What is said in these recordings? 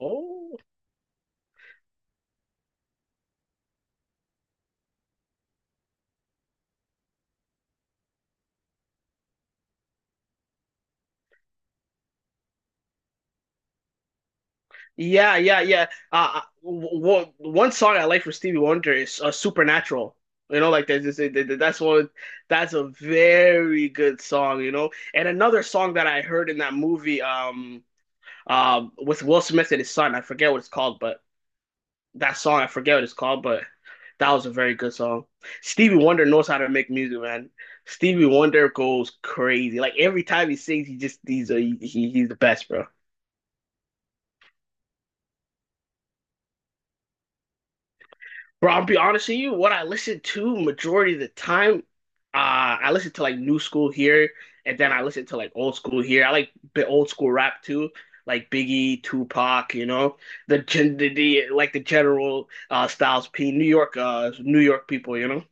Oh, yeah, yeah, yeah. Well, one song I like for Stevie Wonder is Supernatural. Like there's this, that's one, that's a very good song. And another song that I heard in that movie, with Will Smith and his son, I forget what it's called, but that song, I forget what it's called, but that was a very good song. Stevie Wonder knows how to make music, man. Stevie Wonder goes crazy. Like every time he sings, he just, he's a, he, he's the best, bro. Bro, I'll be honest with you, what I listen to majority of the time, I listen to like new school here, and then I listen to like old school here. I like the old school rap too, like Biggie, Tupac, the gen the like the general Styles P, New York people.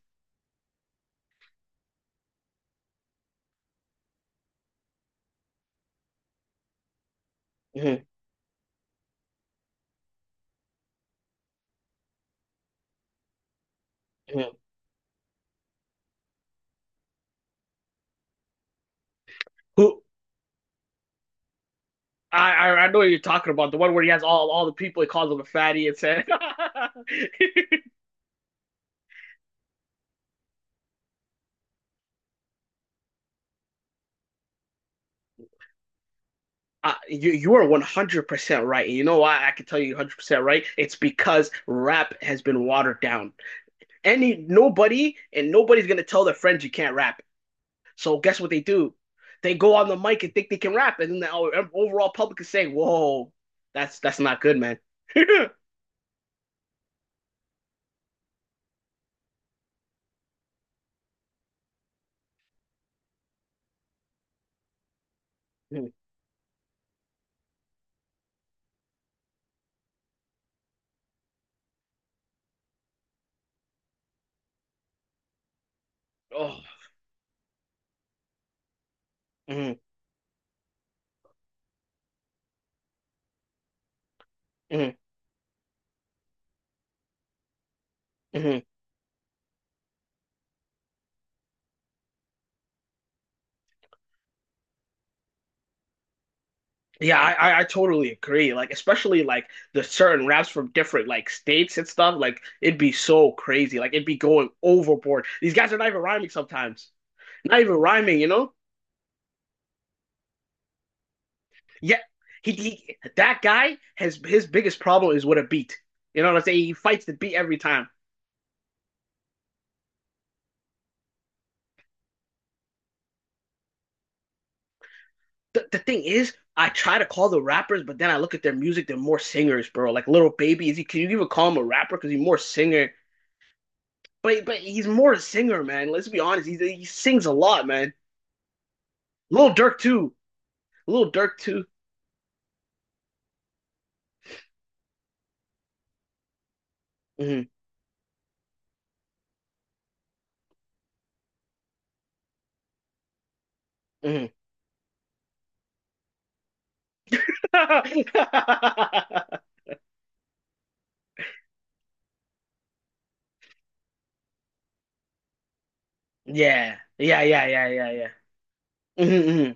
Hmm. Hmm. Who I know what you're talking about, the one where he has all the people, he calls them a fatty and said. You are 100% right. And you know why I can tell you 100% right? It's because rap has been watered down. Any Nobody and nobody's going to tell their friends you can't rap. So guess what they do? They go on the mic and think they can rap, and then the overall public is saying, "Whoa, that's not good, man." Oh. Mhm, mhm, mhm. Yeah, I totally agree. Like, especially like the certain raps from different like states and stuff. Like, it'd be so crazy. Like, it'd be going overboard. These guys are not even rhyming sometimes. Not even rhyming, you know? Yeah, he that guy has his biggest problem is with a beat. You know what I'm saying? He fights the beat every time. The thing is, I try to call the rappers, but then I look at their music. They're more singers, bro. Like Little Baby, is he? Can you even call him a rapper? Because he's more singer. But he's more a singer, man. Let's be honest. He sings a lot, man. Little Dirk too. Little Dirk too. Hmm. Hmm. Yeah. Yeah, yeah, yeah, yeah, yeah. Hmm. Hmm.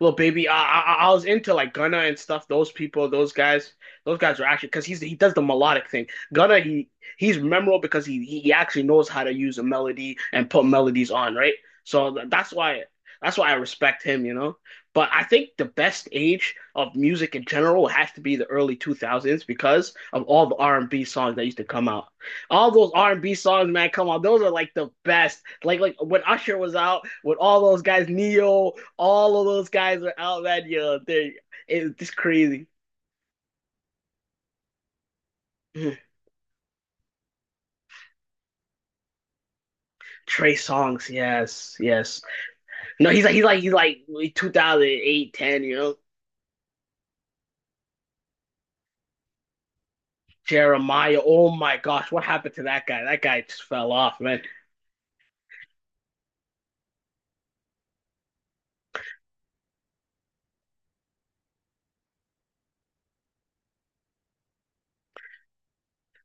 Little Baby. I was into like Gunna and stuff. Those guys are actually because he does the melodic thing. Gunna, he's memorable because he actually knows how to use a melody and put melodies on, right? So that's why I respect him. But I think the best age of music in general has to be the early 2000s because of all the R&B songs that used to come out. All those R&B songs, man, come on, those are like the best. Like when Usher was out with all those guys, Neo, all of those guys are out that yo. It's crazy. Trey Songs, yes, yes. No, he's like 2008, ten. Jeremiah, oh my gosh, what happened to that guy? That guy just fell off, man.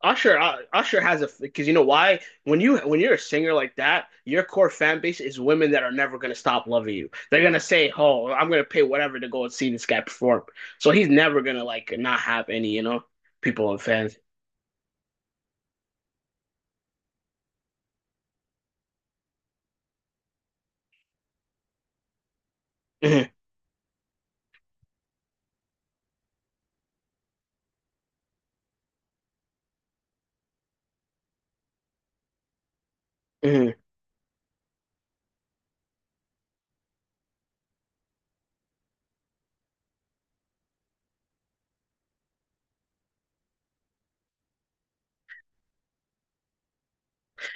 Usher has a because you know why when you're a singer like that, your core fan base is women that are never gonna stop loving you. They're gonna say, "Oh, I'm gonna pay whatever to go and see this guy perform." So he's never gonna like not have any people and fans. Mhm, mhm.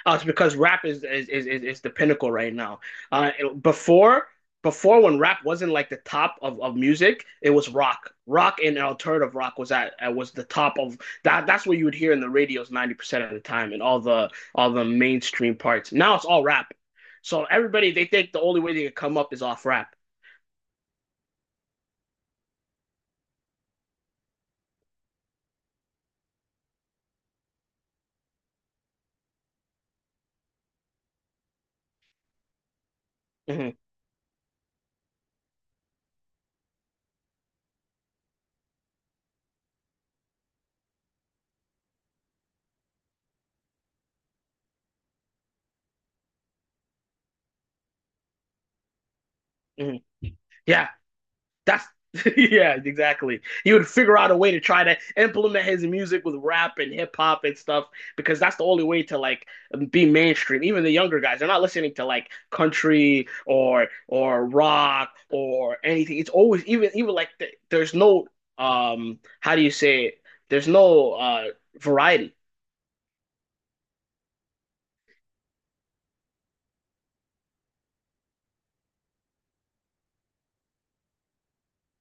It's because rap is the pinnacle right now. Uh, before before when rap wasn't like the top of music, it was rock. Rock and alternative rock was the top of that. That's what you would hear in the radios 90% of the time, and all the mainstream parts. Now it's all rap. So everybody they think the only way they can come up is off rap. Hmm. Hmm. Yeah. That's Yeah, exactly. He would figure out a way to try to implement his music with rap and hip hop and stuff because that's the only way to like be mainstream. Even the younger guys, they're not listening to like country or rock or anything. It's always. Even even like th There's no how do you say it? There's no variety.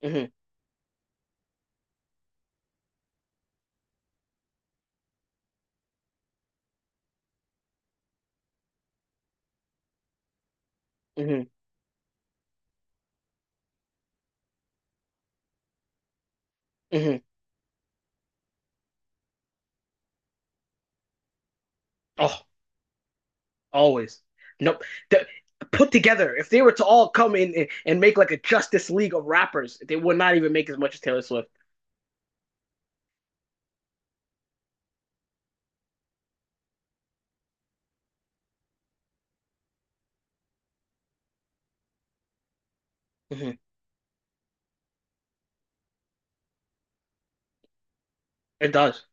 Hmm. Hmm. Hmm. Oh. Always. Nope. The, Put together, if they were to all come in and- make like a Justice League of rappers, they would not even make as much as Taylor Swift. Mhm. It does.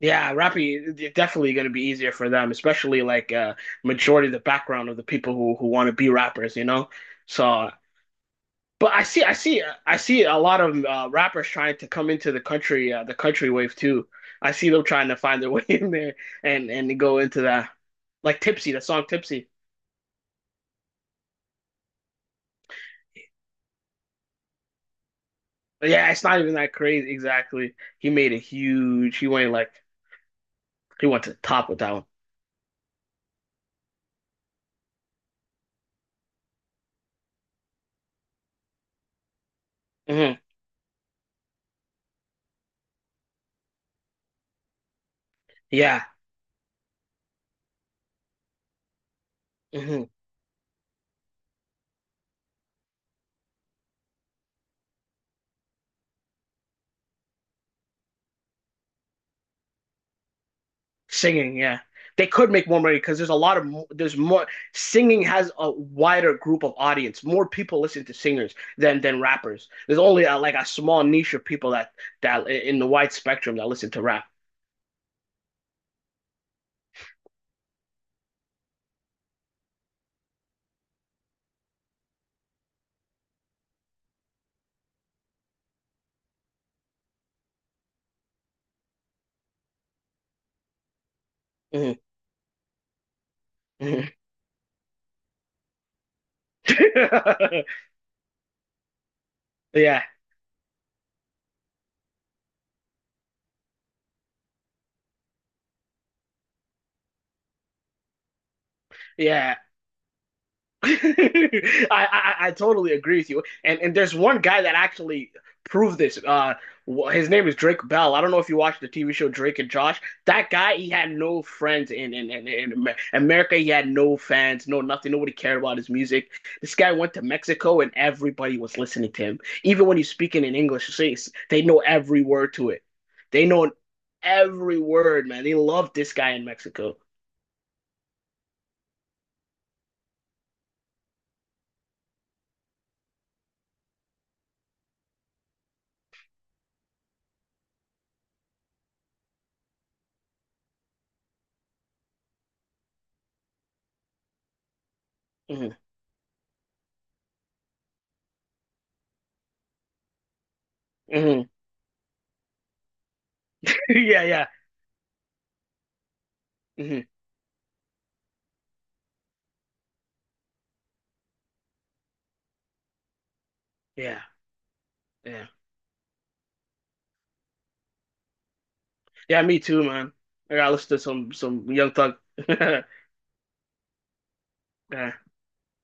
Yeah, rapping is definitely going to be easier for them, especially like majority of the background of the people who want to be rappers, you know? So, but I see a lot of rappers trying to come into the country wave too. I see them trying to find their way in there and go into that, like Tipsy, the song Tipsy. Yeah, it's not even that crazy. Exactly. He made a huge. He went to the top with that one. Hmm. Yeah. Hmm. Singing. Yeah. They could make more money because there's a lot of mo- there's more singing has a wider group of audience. More people listen to singers than rappers. There's only like a small niche of people that in the wide spectrum that listen to rap. Hmm. Hmm. Yeah. Yeah. I, I totally agree with you. And there's one guy that actually proved this. His name is Drake Bell. I don't know if you watched the TV show Drake and Josh. That guy, he had no friends in America. He had no fans, no nothing. Nobody cared about his music. This guy went to Mexico, and everybody was listening to him. Even when he's speaking in English, they know every word to it. They know every word, man. They love this guy in Mexico. Hmm. Hmm. Yeah, yeah. Hmm. Yeah. Yeah. Yeah, me too, man. I gotta listen to some Young Thug. All right.